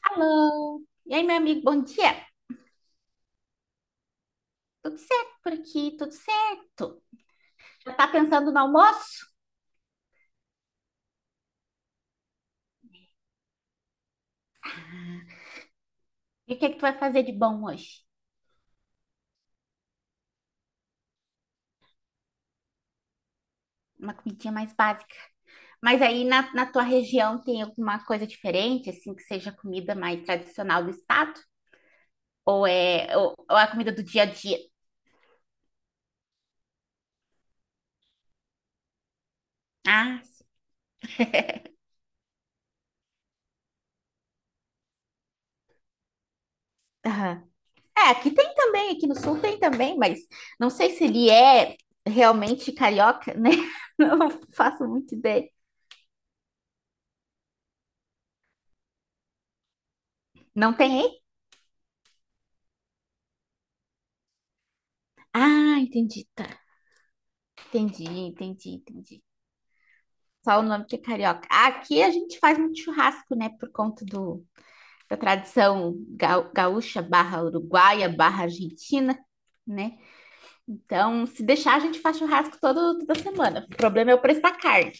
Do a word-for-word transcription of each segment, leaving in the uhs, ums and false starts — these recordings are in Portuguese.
Hello. E aí, meu amigo, bom dia. Tudo certo por aqui, tudo certo. Já tá pensando no almoço? E o que é que tu vai fazer de bom hoje? Uma comidinha mais básica. Mas aí na, na tua região tem alguma coisa diferente, assim, que seja comida mais tradicional do estado? Ou é, ou, ou é a comida do dia a dia? Ah, sim. Aham. É, aqui tem também, aqui no sul tem também, mas não sei se ele é realmente carioca, né? Não faço muita ideia. Não tem aí? Ah, entendi, tá. Entendi, entendi, entendi. Só o nome que é carioca. Aqui a gente faz muito churrasco, né? Por conta do, da tradição ga- gaúcha barra uruguaia barra argentina, né? Então, se deixar, a gente faz churrasco todo, toda semana. O problema é o preço da carne.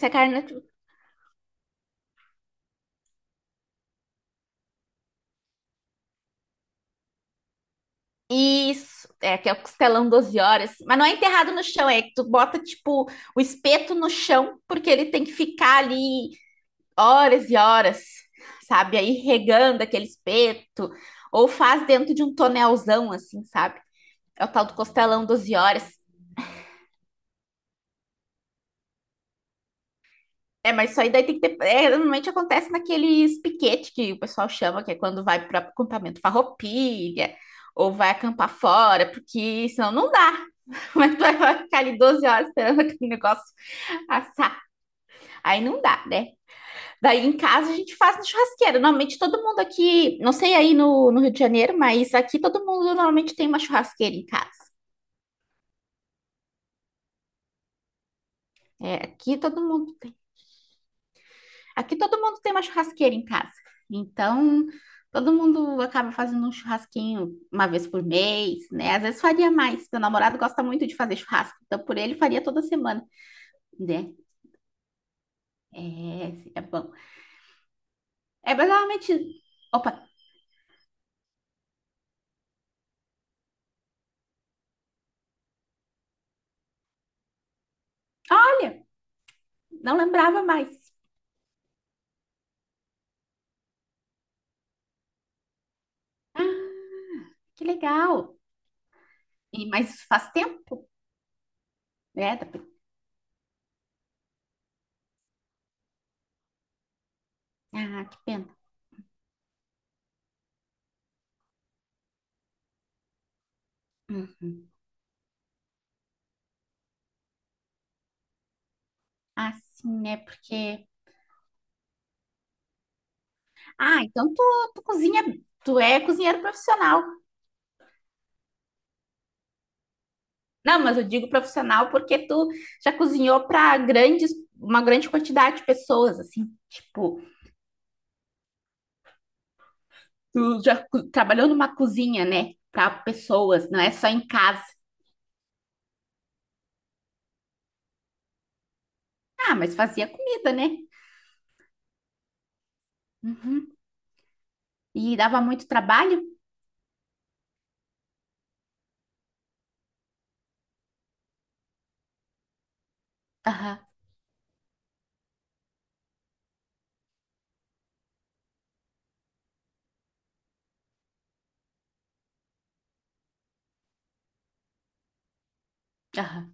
Se a carne não tiver- Isso, é que é o costelão doze horas. Mas não é enterrado no chão, é que tu bota, tipo, o espeto no chão, porque ele tem que ficar ali horas e horas, sabe? Aí regando aquele espeto, ou faz dentro de um tonelzão, assim, sabe? É o tal do costelão doze horas. É, mas isso aí daí tem que ter, é, normalmente acontece naqueles piquete que o pessoal chama, que é quando vai para acampamento farroupilha, ou vai acampar fora, porque senão não dá. Como é que tu vai ficar ali doze horas esperando aquele negócio assar? Aí não dá, né? Daí em casa a gente faz na churrasqueira. Normalmente todo mundo aqui, não sei aí no, no Rio de Janeiro, mas aqui todo mundo normalmente tem uma churrasqueira em casa. É, aqui todo mundo, aqui todo mundo tem uma churrasqueira em casa. Então, todo mundo acaba fazendo um churrasquinho uma vez por mês, né? Às vezes faria mais. Meu namorado gosta muito de fazer churrasco, então por ele faria toda semana, né? É, é bom. É, mas normalmente, opa, olha, não lembrava mais. Que legal. E, mas isso faz tempo, né? Ah, que pena. Hum. Ah, sim, né? Porque. Ah, então tu, tu cozinha. Tu é cozinheiro profissional. Não, mas eu digo profissional porque tu já cozinhou para grandes, uma grande quantidade de pessoas, assim. Tipo, tu já co- trabalhou numa cozinha, né? Para pessoas, não é só em casa. Ah, mas fazia comida, né? Uhum. E dava muito trabalho? Aham, aham.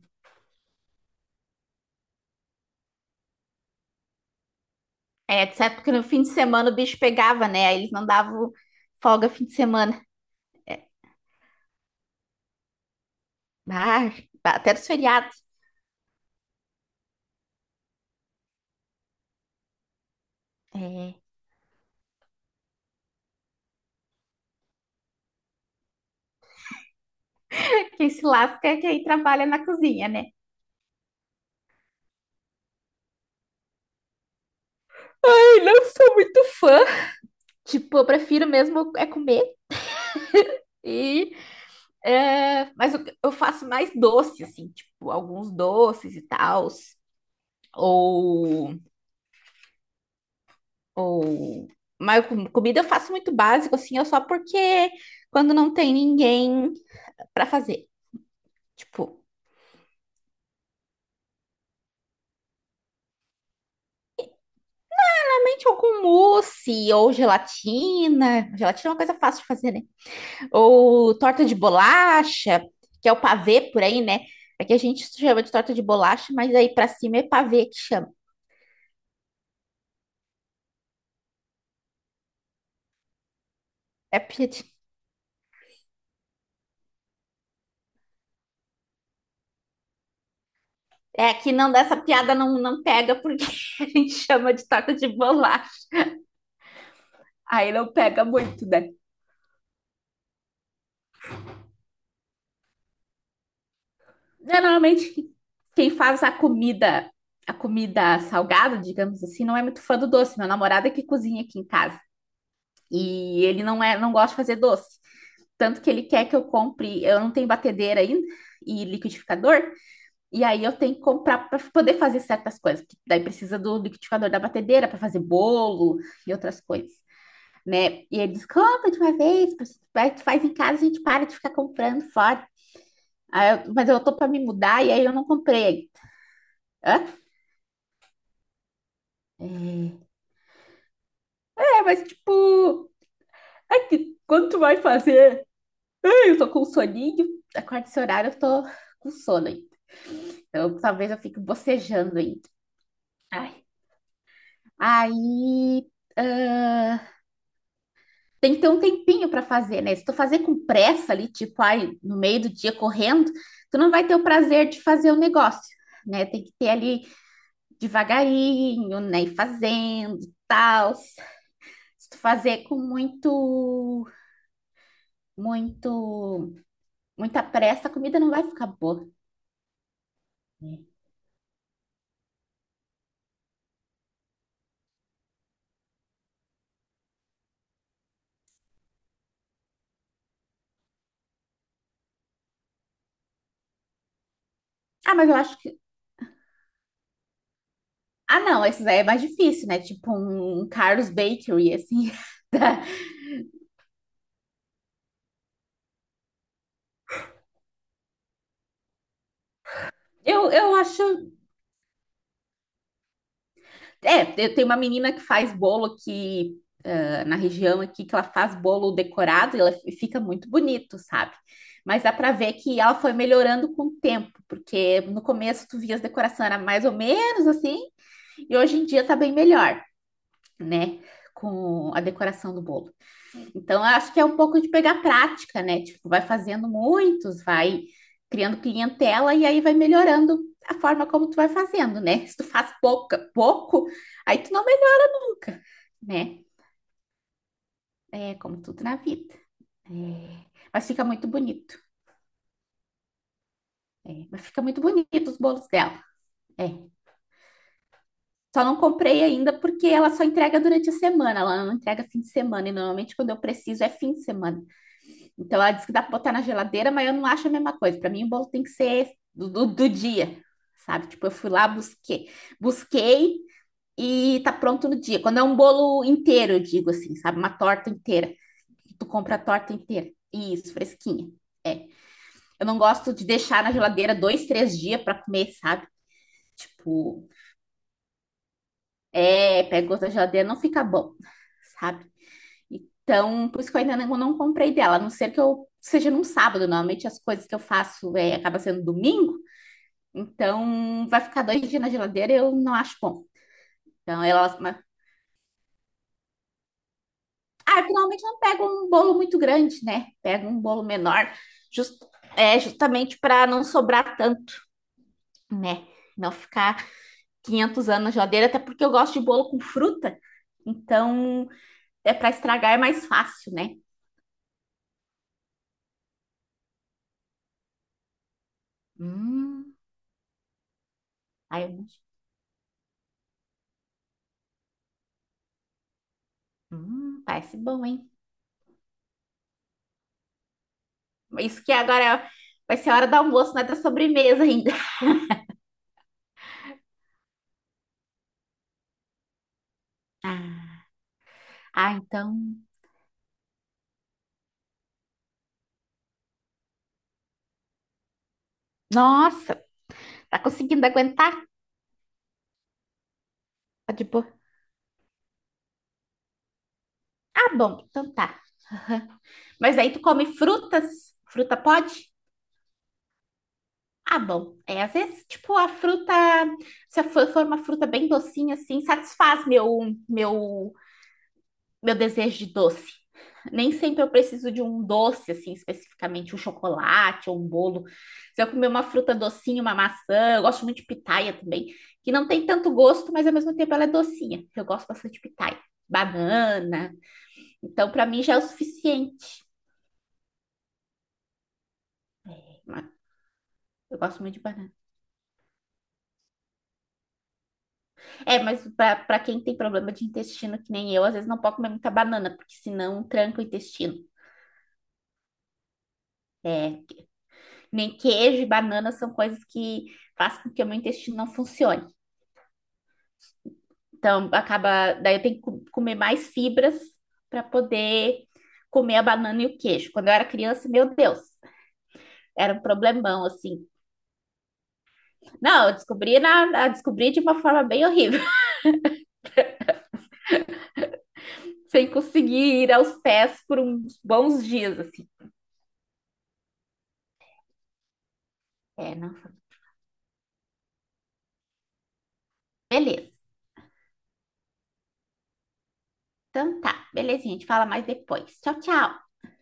É, certo, porque no fim de semana o bicho pegava, né? Aí eles não davam folga fim de semana. Ah, até nos feriados. É. Quem se lasca é quem trabalha na cozinha, né? Eu não sou muito fã. Tipo, eu prefiro mesmo é comer. E, é, mas eu, eu faço mais doce, assim, tipo, alguns doces e tal. Ou, ou. Mas com- comida eu faço muito básico, assim, é só porque quando não tem ninguém pra fazer. Tipo, realmente algum mousse ou gelatina. Gelatina é uma coisa fácil de fazer, né? Ou torta de bolacha, que é o pavê por aí, né? Aqui a gente chama de torta de bolacha, mas aí pra cima é pavê que chama. É, porque- é que não dessa piada não, não pega porque a gente chama de torta de bolacha. Aí não pega muito, né? É, normalmente quem faz a comida, a comida salgada, digamos assim, não é muito fã do doce. Meu namorado é que cozinha aqui em casa e ele não é, não gosta de fazer doce. Tanto que ele quer que eu compre, eu não tenho batedeira ainda e liquidificador. E aí eu tenho que comprar para poder fazer certas coisas, que daí precisa do liquidificador da batedeira para fazer bolo e outras coisas, né? E ele diz, compra de uma vez, vai, tu faz em casa, a gente para de ficar comprando fora. Aí eu- mas eu tô para me mudar e aí eu não comprei. Hã? É, mas tipo, é que quando tu vai fazer, ai, eu tô com soninho, acorda esse horário, eu tô com sono ainda. Então talvez eu fique bocejando ainda. Ai. Aí, tem que ter um tempinho para fazer, né? Se tu fazer com pressa ali, tipo, ai, no meio do dia correndo, tu não vai ter o prazer de fazer o negócio, né? Tem que ter ali devagarinho, né? E fazendo, tal. Se tu fazer com muito, muito, muita pressa, a comida não vai ficar boa, né? Ah, mas eu acho que. Ah, não, esses aí é mais difícil, né? Tipo um um Carlos Bakery, assim. Eu, eu acho. É, eu tenho uma menina que faz bolo aqui, ah, na região aqui, que ela faz bolo decorado e ela e fica muito bonito, sabe? Mas dá pra ver que ela foi melhorando com o tempo, porque no começo tu via as decorações era mais ou menos assim, e hoje em dia tá bem melhor, né? Com a decoração do bolo. Então, eu acho que é um pouco de pegar prática, né? Tipo, vai fazendo muitos, vai criando clientela e aí vai melhorando a forma como tu vai fazendo, né? Se tu faz pouca, pouco, aí tu não nunca, né? É como tudo na vida. É, mas fica muito bonito. É, mas fica muito bonito os bolos dela. É. Só não comprei ainda porque ela só entrega durante a semana, ela não entrega fim de semana, e normalmente quando eu preciso é fim de semana. Então ela diz que dá para botar na geladeira, mas eu não acho a mesma coisa. Para mim, o bolo tem que ser do, do, do dia, sabe? Tipo, eu fui lá, busquei, busquei e tá pronto no dia. Quando é um bolo inteiro, eu digo assim, sabe? Uma torta inteira. Tu compra a torta inteira. Isso, fresquinha. Eu não gosto de deixar na geladeira dois, três dias para comer, sabe? Tipo, é, pega outra geladeira, não fica bom, sabe? Então, por isso que eu ainda não, não comprei dela, a não ser que eu seja num sábado. Normalmente as coisas que eu faço é, acaba sendo domingo, então vai ficar dois dias na geladeira, eu não acho bom. Então, ela. Mas- Ah, eu finalmente não pego um bolo muito grande, né? Pego um bolo menor, jus- é, justamente para não sobrar tanto, né? Não ficar. Quinhentos anos na geladeira, até porque eu gosto de bolo com fruta. Então, é para estragar é mais fácil, né? Hum, aí eu, hum, parece bom, hein? Isso que agora é- vai ser a hora do almoço, não é da sobremesa ainda. Ah, ah, então. Nossa, tá conseguindo aguentar? Tá de boa. Ah, bom, então tá. Mas aí tu come frutas? Fruta pode? Ah, bom. É, às vezes, tipo, a fruta, se for for uma fruta bem docinha, assim, satisfaz meu, meu meu desejo de doce. Nem sempre eu preciso de um doce, assim, especificamente, um chocolate ou um bolo. Se eu comer uma fruta docinha, uma maçã, eu gosto muito de pitaia também, que não tem tanto gosto, mas ao mesmo tempo ela é docinha. Eu gosto bastante de pitaia. Banana. Então, para mim já é o suficiente. Eu gosto muito de banana. É, mas para quem tem problema de intestino, que nem eu, às vezes não pode comer muita banana, porque senão tranca o intestino. É, nem queijo e banana são coisas que fazem com que o meu intestino não funcione. Então, acaba, daí eu tenho que co- comer mais fibras para poder comer a banana e o queijo. Quando eu era criança, meu Deus, era um problemão assim. Não, eu descobri na, na- descobri de uma forma bem horrível, sem conseguir ir aos pés por uns bons dias assim. É, não, beleza. Então tá, belezinha, a gente fala mais depois. Tchau, tchau.